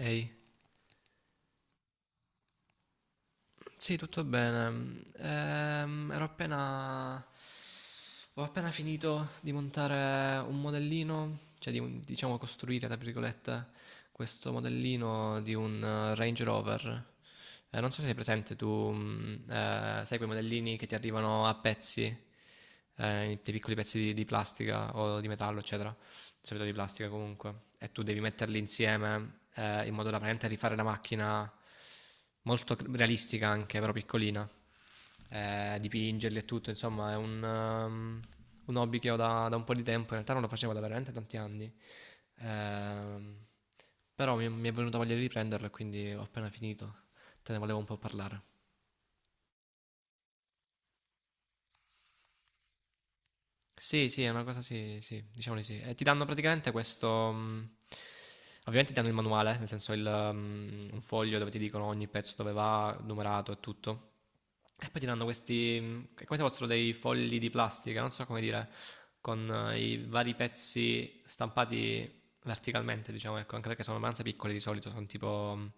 Ehi, sì, tutto bene. Ero appena... Ho appena finito di montare un modellino, cioè diciamo costruire, tra virgolette, questo modellino di un Range Rover. Non so se sei presente, tu sai quei modellini che ti arrivano a pezzi, dei piccoli pezzi di plastica o di metallo, eccetera. Solito di plastica comunque, e tu devi metterli insieme in modo da veramente rifare la macchina molto realistica anche, però piccolina, dipingerli e tutto, insomma è un hobby che ho da un po' di tempo, in realtà non lo facevo da veramente tanti anni, ehm, però mi è venuta voglia di riprenderlo e quindi ho appena finito, te ne volevo un po' parlare. Sì, sì, è una cosa sì, sì, diciamo di sì. E ti danno praticamente questo, ovviamente ti danno il manuale, nel senso il, un foglio dove ti dicono ogni pezzo dove va, numerato e tutto. E poi ti danno questi, è come se fossero dei fogli di plastica, non so come dire, con i vari pezzi stampati verticalmente, diciamo, ecco, anche perché sono abbastanza piccoli di solito, sono tipo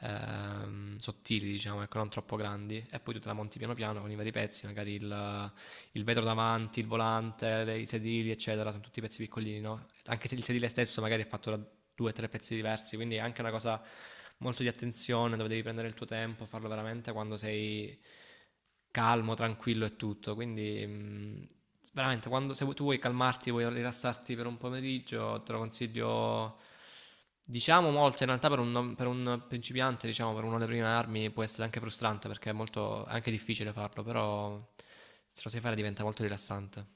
sottili, diciamo, ecco, non troppo grandi. E poi tu te la monti piano piano con i vari pezzi, magari il vetro davanti, il volante, i sedili, eccetera, sono tutti pezzi piccolini, no? Anche se il sedile stesso magari è fatto da due o tre pezzi diversi, quindi è anche una cosa molto di attenzione dove devi prendere il tuo tempo, farlo veramente quando sei calmo, tranquillo e tutto. Quindi veramente quando se tu vuoi calmarti, vuoi rilassarti per un pomeriggio, te lo consiglio diciamo molto, in realtà per un principiante, diciamo per uno delle prime armi può essere anche frustrante perché è molto è anche difficile farlo, però se lo sai fare diventa molto rilassante.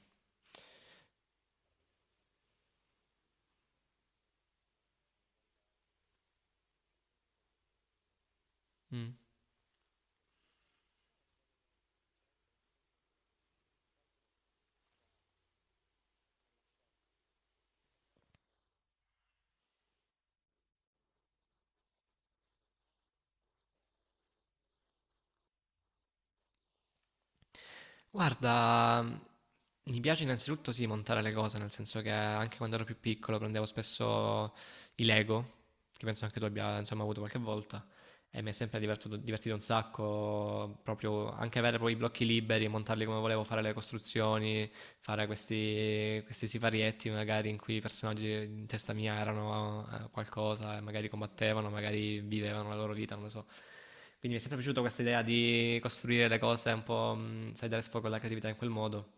Mm. Guarda, mi piace innanzitutto sì montare le cose, nel senso che anche quando ero più piccolo prendevo spesso i Lego, che penso anche tu abbia insomma avuto qualche volta, e mi è sempre divertito, divertito un sacco, proprio anche avere poi i blocchi liberi, montarli come volevo, fare le costruzioni, fare questi, questi siparietti magari in cui i personaggi in testa mia erano qualcosa, e magari combattevano, magari vivevano la loro vita, non lo so. Quindi mi è sempre piaciuta questa idea di costruire le cose un po', sai, dare sfogo alla creatività in quel modo.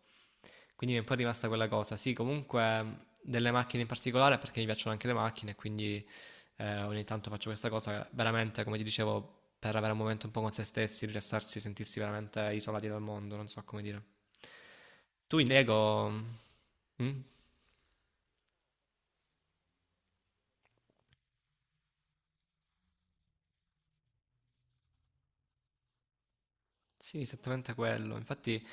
Quindi mi è un po' rimasta quella cosa. Sì, comunque delle macchine in particolare perché mi piacciono anche le macchine, quindi ogni tanto faccio questa cosa, veramente, come ti dicevo, per avere un momento un po' con se stessi, rilassarsi, sentirsi veramente isolati dal mondo, non so come dire. Tu in Lego... mm? Sì, esattamente quello. Infatti,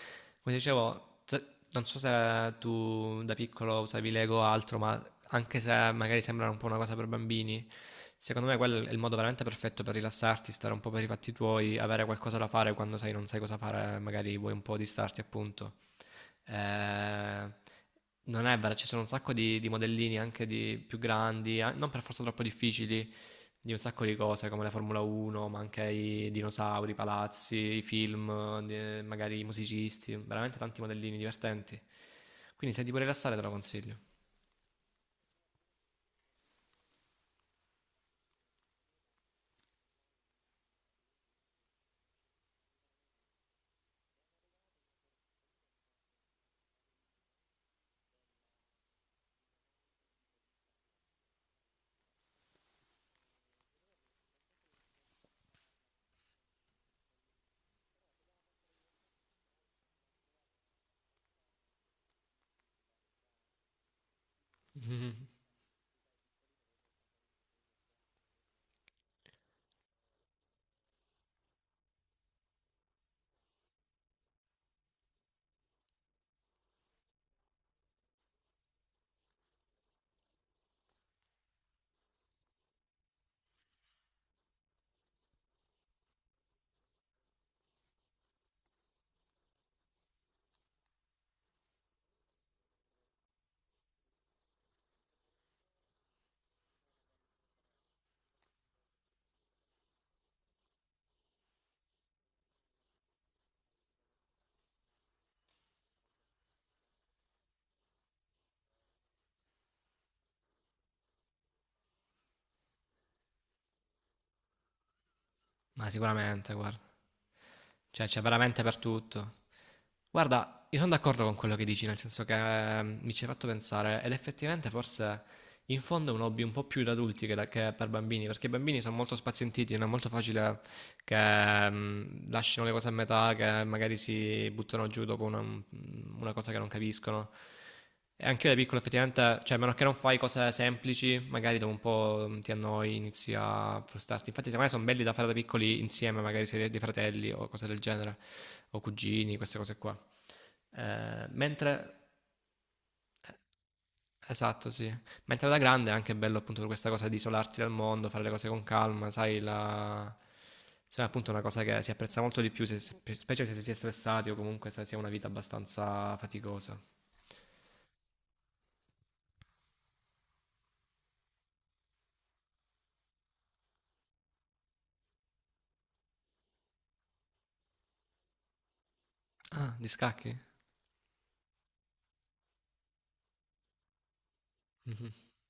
come dicevo, non so se tu da piccolo usavi Lego o altro, ma anche se magari sembra un po' una cosa per bambini, secondo me quello è il modo veramente perfetto per rilassarti, stare un po' per i fatti tuoi, avere qualcosa da fare quando sai non sai cosa fare, magari vuoi un po' distarti, appunto. Eh, non è vero, ci sono un sacco di modellini anche di più grandi, non per forza troppo difficili, di un sacco di cose come la Formula 1, ma anche i dinosauri, i palazzi, i film, magari i musicisti, veramente tanti modellini divertenti. Quindi se ti vuoi rilassare te lo consiglio. Ma sicuramente, guarda. Cioè, c'è veramente per tutto. Guarda, io sono d'accordo con quello che dici, nel senso che mi ci hai fatto pensare, ed effettivamente forse in fondo è un hobby un po' più da adulti che, che per bambini, perché i bambini sono molto spazientiti, non è molto facile che lasciano le cose a metà, che magari si buttano giù dopo una cosa che non capiscono. E anche io da piccolo effettivamente, cioè a meno che non fai cose semplici, magari dopo un po' mm, ti annoi, inizi a frustrarti. Infatti secondo me sono belli da fare da piccoli insieme, magari se dei fratelli o cose del genere, o cugini, queste cose qua. Mentre, esatto, sì. Mentre da grande è anche bello appunto per questa cosa di isolarti dal mondo, fare le cose con calma, sai, la... Insomma, appunto è una cosa che si apprezza molto di più, specie se si è stressati o comunque se si ha una vita abbastanza faticosa. Ah, di scacchi?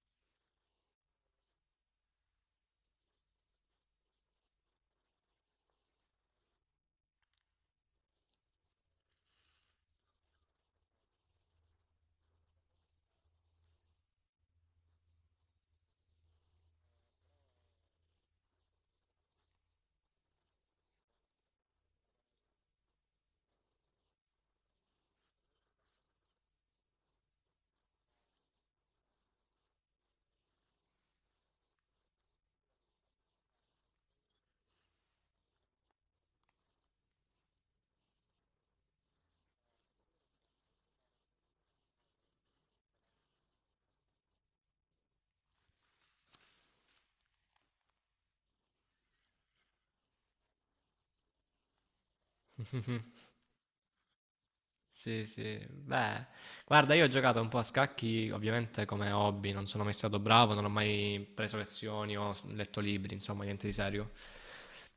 Sì, sì, beh, guarda, io ho giocato un po' a scacchi, ovviamente come hobby, non sono mai stato bravo, non ho mai preso lezioni o letto libri, insomma, niente di serio.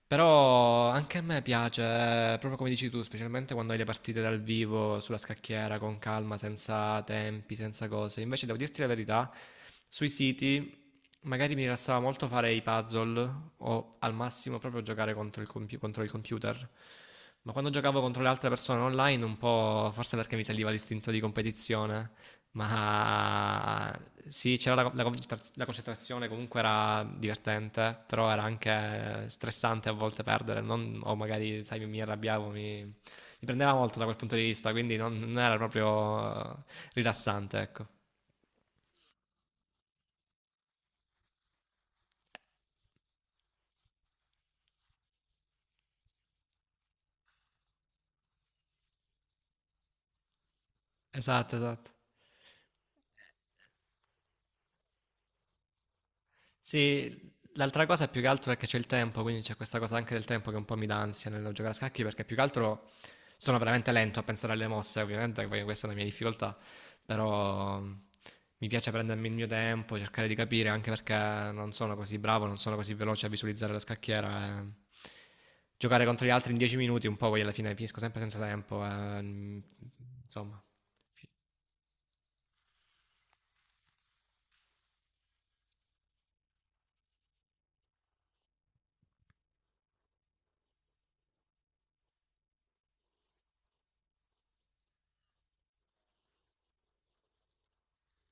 Però anche a me piace, proprio come dici tu, specialmente quando hai le partite dal vivo sulla scacchiera con calma, senza tempi, senza cose. Invece devo dirti la verità, sui siti magari mi rilassava molto fare i puzzle o al massimo proprio giocare contro il computer. Ma quando giocavo contro le altre persone online, un po' forse perché mi saliva l'istinto di competizione, ma sì, c'era la concentrazione, comunque era divertente, però era anche stressante a volte perdere, o magari, sai, mi arrabbiavo, mi prendeva molto da quel punto di vista, quindi non era proprio rilassante, ecco. Esatto, esatto. Sì, l'altra cosa più che altro è che c'è il tempo, quindi c'è questa cosa anche del tempo che un po' mi dà ansia nel giocare a scacchi, perché più che altro sono veramente lento a pensare alle mosse, ovviamente, poi questa è una mia difficoltà, però mm, mi piace prendermi il mio tempo, cercare di capire, anche perché non sono così bravo, non sono così veloce a visualizzare la scacchiera. E giocare contro gli altri in 10 minuti, un po' poi alla fine finisco sempre senza tempo, e, mm, insomma.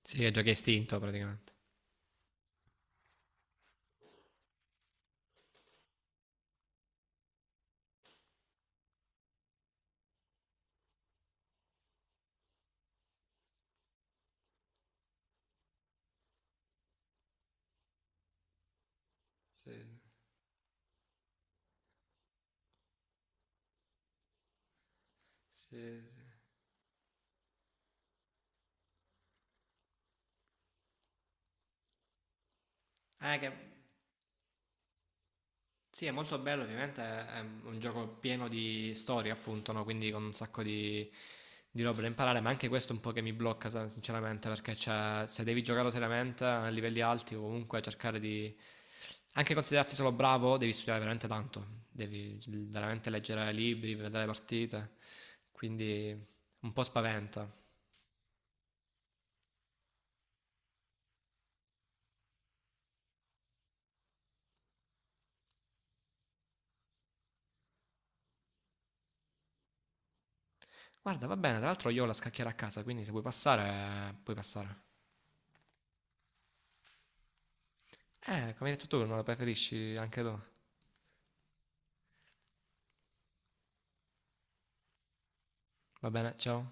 Sì, è giochi a istinto praticamente. Sì, sì, sì. Che Sì, è molto bello, ovviamente è un gioco pieno di storie, appunto, no? Quindi con un sacco di robe da imparare, ma anche questo è un po' che mi blocca, sinceramente, perché se devi giocarlo seriamente a livelli alti o comunque cercare di... Anche considerarti solo bravo, devi studiare veramente tanto, devi veramente leggere libri, vedere partite, quindi un po' spaventa. Guarda, va bene, tra l'altro io ho la scacchiera a casa, quindi se vuoi passare, puoi passare. Come hai detto tu, non la preferisci anche tu. Va bene, ciao.